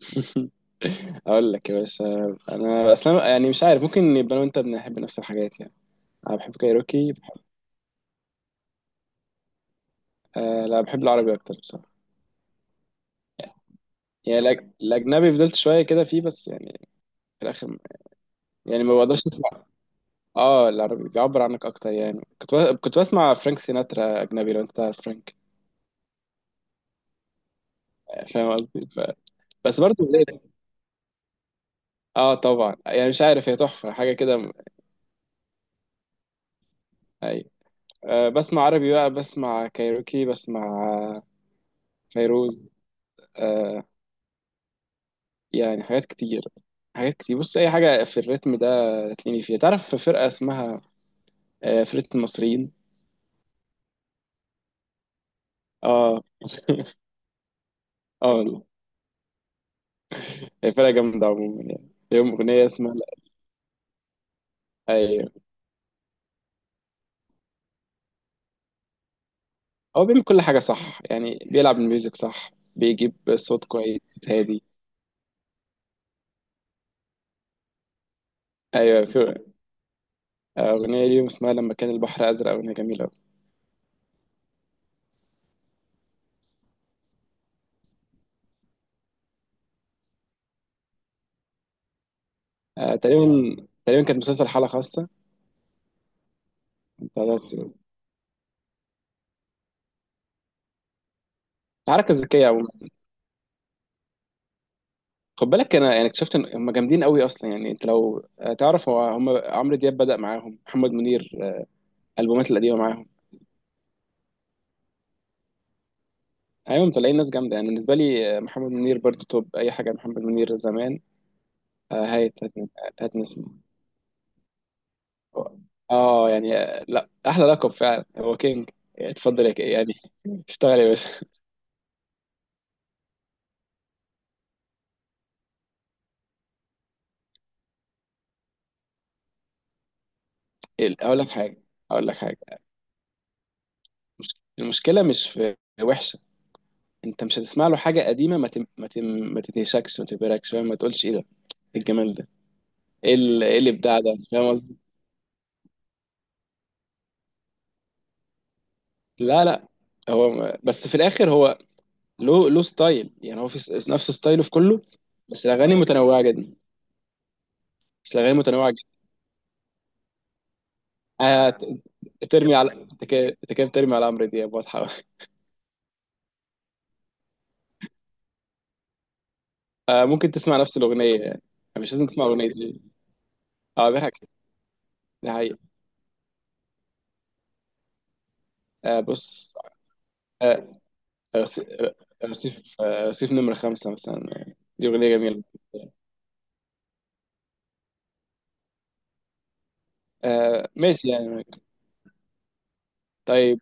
اقول لك يا باشا. انا اصلا يعني مش عارف ممكن يبقى انا وانت بنحب نفس الحاجات يعني. انا بحب كايروكي آه لا بحب العربي اكتر بصراحه. يعني الاجنبي فضلت شويه كده فيه بس يعني في الاخر. يعني ما بقدرش اسمع. اه العربي بيعبر عنك اكتر يعني كنت بسمع فرانك سيناترا اجنبي لو انت تعرف فرانك. يعني فاهم قصدي. بس برضه ليه؟ اه طبعا يعني مش عارف، هي تحفه حاجه كده. ايوه. آه بسمع عربي بقى، بسمع كايروكي، بسمع آه، فيروز، آه، يعني حاجات كتير. حاجات كتير. بص اي حاجه في الريتم ده تلاقيني فيها. تعرف في فرقه اسمها فرقه المصريين. اه. اه والله. هي فرقه جامده عموما، يعني ليهم اغنيه اسمها لا. ايوه. هو بيعمل كل حاجه صح، يعني بيلعب الميوزك صح، بيجيب صوت كويس، صوت هادي. ايوه، في اغنيه ليهم اسمها لما كان البحر ازرق، اغنيه جميله قوي. آه تقريبا، تقريبا كانت مسلسل حاله خاصه. بتاع ده بس- الحركه الذكيه عموما. خد بالك انا يعني اكتشفت ان هم جامدين قوي اصلا. يعني انت لو تعرف هم عمرو دياب بدأ معاهم، محمد منير، البومات القديمه معاهم. ايوه مطلعين ناس جامده يعني بالنسبه لي. محمد منير برضو توب. اي حاجه محمد منير زمان. آه، هايت هاتن- هاتنسي. اه يعني لا، احلى لقب فعلا هو كينج. اتفضل يعني اشتغل يا باشا. اقول لك حاجه، اقول لك حاجه، المشكله مش في وحشه. انت مش هتسمع له حاجه قديمه ما تم ما تم ما تتهشكش ما تبهركش، فاهم، ما تقولش ايه ده، ايه الجمال ده، ايه إيه الابداع ده، فاهم قصدي؟ لا لا، بس في الاخر هو له ستايل، يعني هو في نفس ستايله في كله. بس الاغاني متنوعه جدا. بس الاغاني متنوعه جدا. آه ترمي على، انت كده، أنت كده بترمي على عمرو دياب واضحه. آه ممكن تسمع نفس الاغنيه يعني. مش لازم تسمع اغنيه دي. اه بيضحك. ده حقيقي. آه بص، آه رصي- رصيف، آه رصيف نمرة خمسة مثلا، يعني دي أغنية جميلة. آه ماشي يعني. طيب.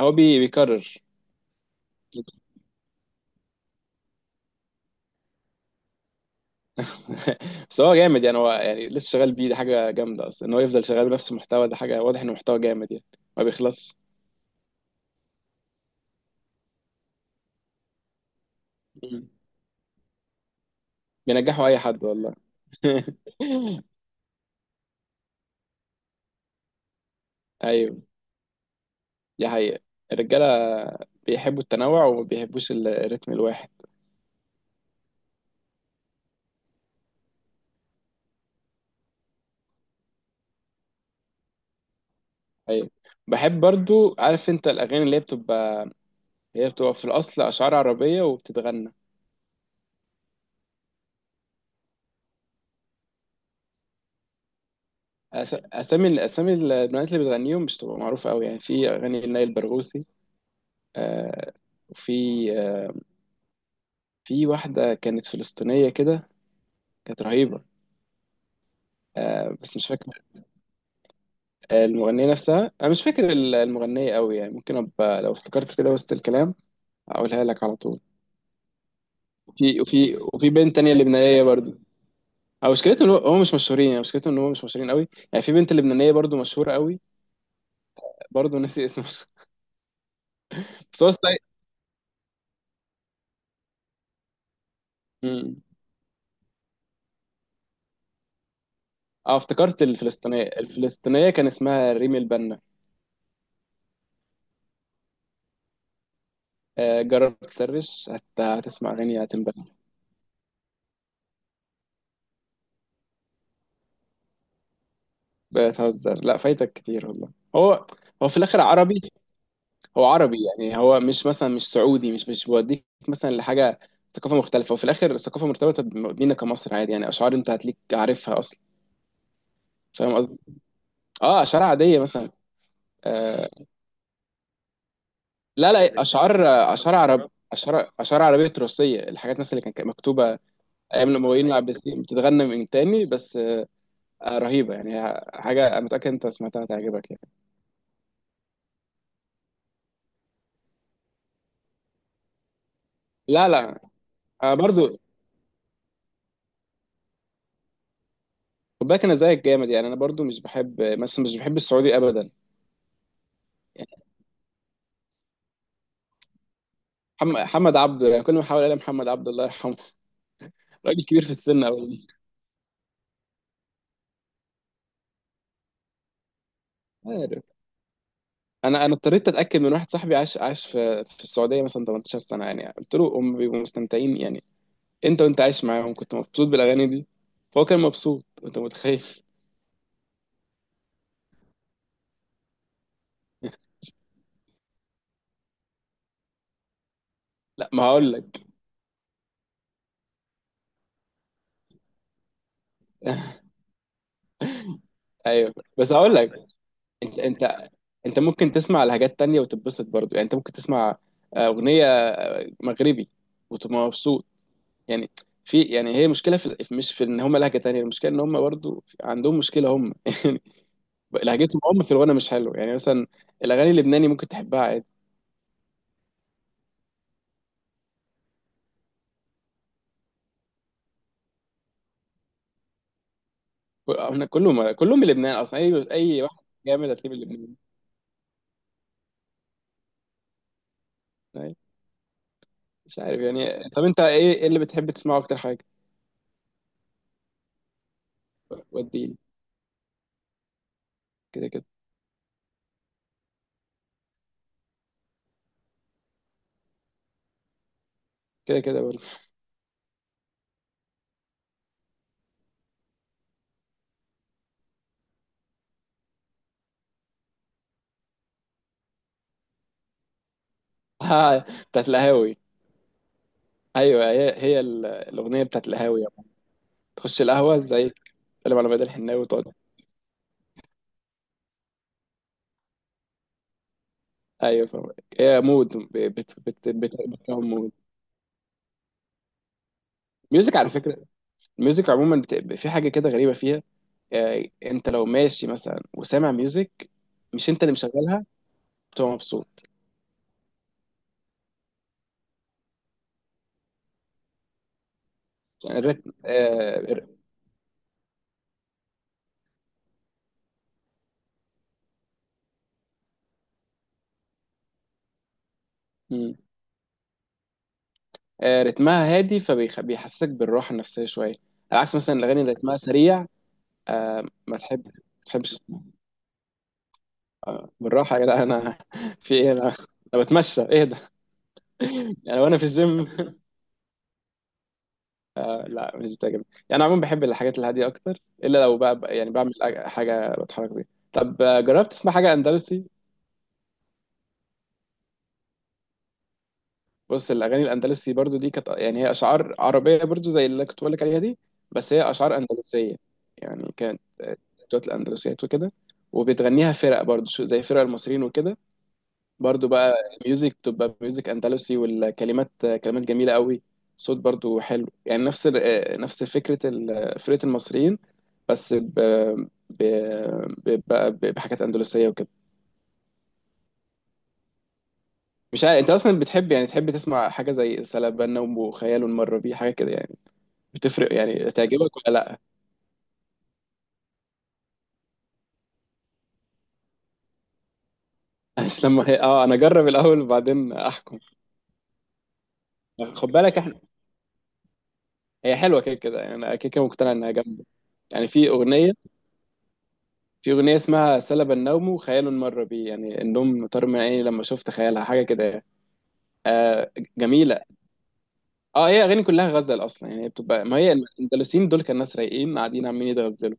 هو بيكرر. بس هو جامد يعني، هو يعني لسه شغال بيه، دي حاجه جامده اصلا ان هو يفضل شغال بنفس المحتوى ده، حاجه واضح انه محتوى جامد يعني ما بيخلصش. مم. بينجحوا اي حد والله. ايوه، دي حقيقه. الرجاله بيحبوا التنوع وما بيحبوش الريتم الواحد. ايوه، بحب برضو عارف انت الاغاني اللي هي بتبقى، هي بتبقى في الاصل اشعار عربيه وبتتغنى. أس- اسامي الاسامي، البنات اللي بتغنيهم مش تبقى معروفه قوي يعني. في اغاني لنائل برغوثي، آه، وفي آه، في واحدة كانت فلسطينية كده، كانت رهيبة. آه بس مش فاكر، المغنية نفسها أنا مش فاكر المغنية أوي يعني. ممكن أبقى لو افتكرت كده وسط الكلام أقولها لك على طول. وفي بنت تانية لبنانية برضو. أو مشكلته إن هو مش مشهورين، يعني مشكلته إن هو مش مشهورين أوي. يعني في بنت لبنانية برضو مشهورة أوي. برضو ناسي اسمها. بس هو ستايل. مم. اه افتكرت الفلسطينية، الفلسطينية كان اسمها ريم البنا. آه جرب تسرش، هتسمع أغاني هتنبسط. بتهزر، لا فايتك كتير والله. هو هو في الاخر عربي، هو عربي يعني، هو مش مثلا مش سعودي، مش بيوديك مثلا لحاجه ثقافه مختلفه. وفي الاخر الثقافه مرتبطه بينا كمصر، عادي يعني، اشعار انت هتليك عارفها اصلا، فاهم قصدي. اه، اشعار عاديه مثلا. آه لا اشعار، اشعار عرب اشعار اشعار عربيه تراثيه، الحاجات مثلا اللي كانت مكتوبه ايام الامويين والعباسيين بتتغنى من تاني بس. آه رهيبه يعني، حاجه انا متاكد انت سمعتها تعجبك يعني. لا لا، آه برضو. خد بالك انا زيك جامد يعني، انا برضو مش بحب مثلا مش بحب السعودي ابدا، يعني محمد عبده، يعني كل ما احاول الاقي محمد عبده الله يرحمه، راجل كبير في السن قوي. عارف، انا اضطريت اتاكد من واحد صاحبي، عاش في السعوديه مثلا 18 سنه، يعني قلت له، هم بيبقوا مستمتعين يعني انت، وانت عايش معاهم كنت مبسوط بالاغاني دي، فهو كان مبسوط انت متخيل. لا ما هقول لك، ايوه بس هقول لك، انت انت انت ممكن تسمع لحاجات تانية وتتبسط برضو. يعني انت ممكن تسمع اغنيه مغربي وتبقى مبسوط. يعني في، يعني هي مشكله مش في ان هم لهجه تانية، المشكله ان هم برضو عندهم مشكله هم. يعني لهجتهم هم في الغنى مش حلو يعني. مثلا الاغاني اللبناني ممكن تحبها عادي. احنا كلهم، كلهم من لبنان اصلا، اي اي واحد جامد هتلاقيه من لبنان. أي. مش عارف يعني، طب انت ايه، إيه اللي بتحب تسمعه اكتر حاجه؟ وديني. كده كده. كده كده برضه. آه، بتاعت القهاوي. ايوه هي هي الاغنيه بتاعت القهاوي يعني. تخش القهوه زي، تتكلم على بدل الحناوي وتقعد. ايوه فاهم. هي مود، بت بتكون مود. ميوزك على فكرة، الميوزك عموما في حاجة كده غريبة فيها. انت لو ماشي مثلا وسامع ميوزك، مش انت اللي مشغلها، بتبقى مبسوط. يعني الريتم، مم. آه، رتمها هادي فبيحسسك بالراحة النفسية شوية، على عكس مثلا الأغاني اللي رتمها سريع، ما تحب ما تحبش. بالراحة يا جدع أنا، في إيه أنا، أنا بتمشى إيه ده؟ يعني وأنا في الجيم. آه، لا مش بتعجبني يعني، عموما بحب الحاجات الهادية أكتر، إلا لو بقى يعني بعمل حاجة بتحرك بيها. طب جربت تسمع حاجة أندلسي؟ بص الاغاني الاندلسي برضو دي كانت، يعني هي اشعار عربيه برضو زي اللي كنت بقول لك عليها دي، بس هي اشعار اندلسيه يعني. كانت بتوع الاندلسيات وكده، وبتغنيها فرق برضو زي فرق المصريين وكده. برضو بقى ميوزك، بتبقى ميوزك اندلسي، والكلمات آه، كلمات جميله قوي، صوت برضو حلو يعني، نفس نفس فكره فرقه المصريين، بس ب... بحاجات اندلسيه وكده. مش عارف انت اصلا بتحب، يعني تحب تسمع حاجه زي سلابنا وخيال المره بيه، حاجه كده يعني، بتفرق يعني تعجبك ولا لا؟ بس لما هي، اه انا اجرب الاول وبعدين احكم. خد بالك احنا، هي حلوه كده كده يعني، انا كده كده مقتنع انها جامده يعني. في اغنيه اسمها سلب النوم خيال مر بي، يعني النوم طار من عيني لما شفت خيالها، حاجه كده يعني. آه جميله. اه هي اغاني كلها غزل اصلا يعني بتبقى، ما هي الاندلسيين دول كان ناس رايقين قاعدين عمالين يتغزلوا،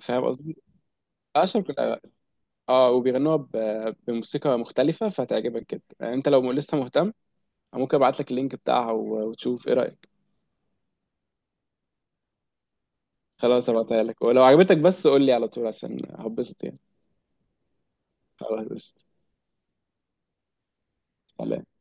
فاهم قصدي؟ اشهر كلها. اه وبيغنوها بموسيقى مختلفه، فهتعجبك جدا يعني، انت لو لسه مهتم ممكن ابعت لك اللينك بتاعها وتشوف ايه رايك. خلاص هبعتها لك، ولو عجبتك بس قول لي على طول عشان هبسط يعني. خلاص قشطة. سلام.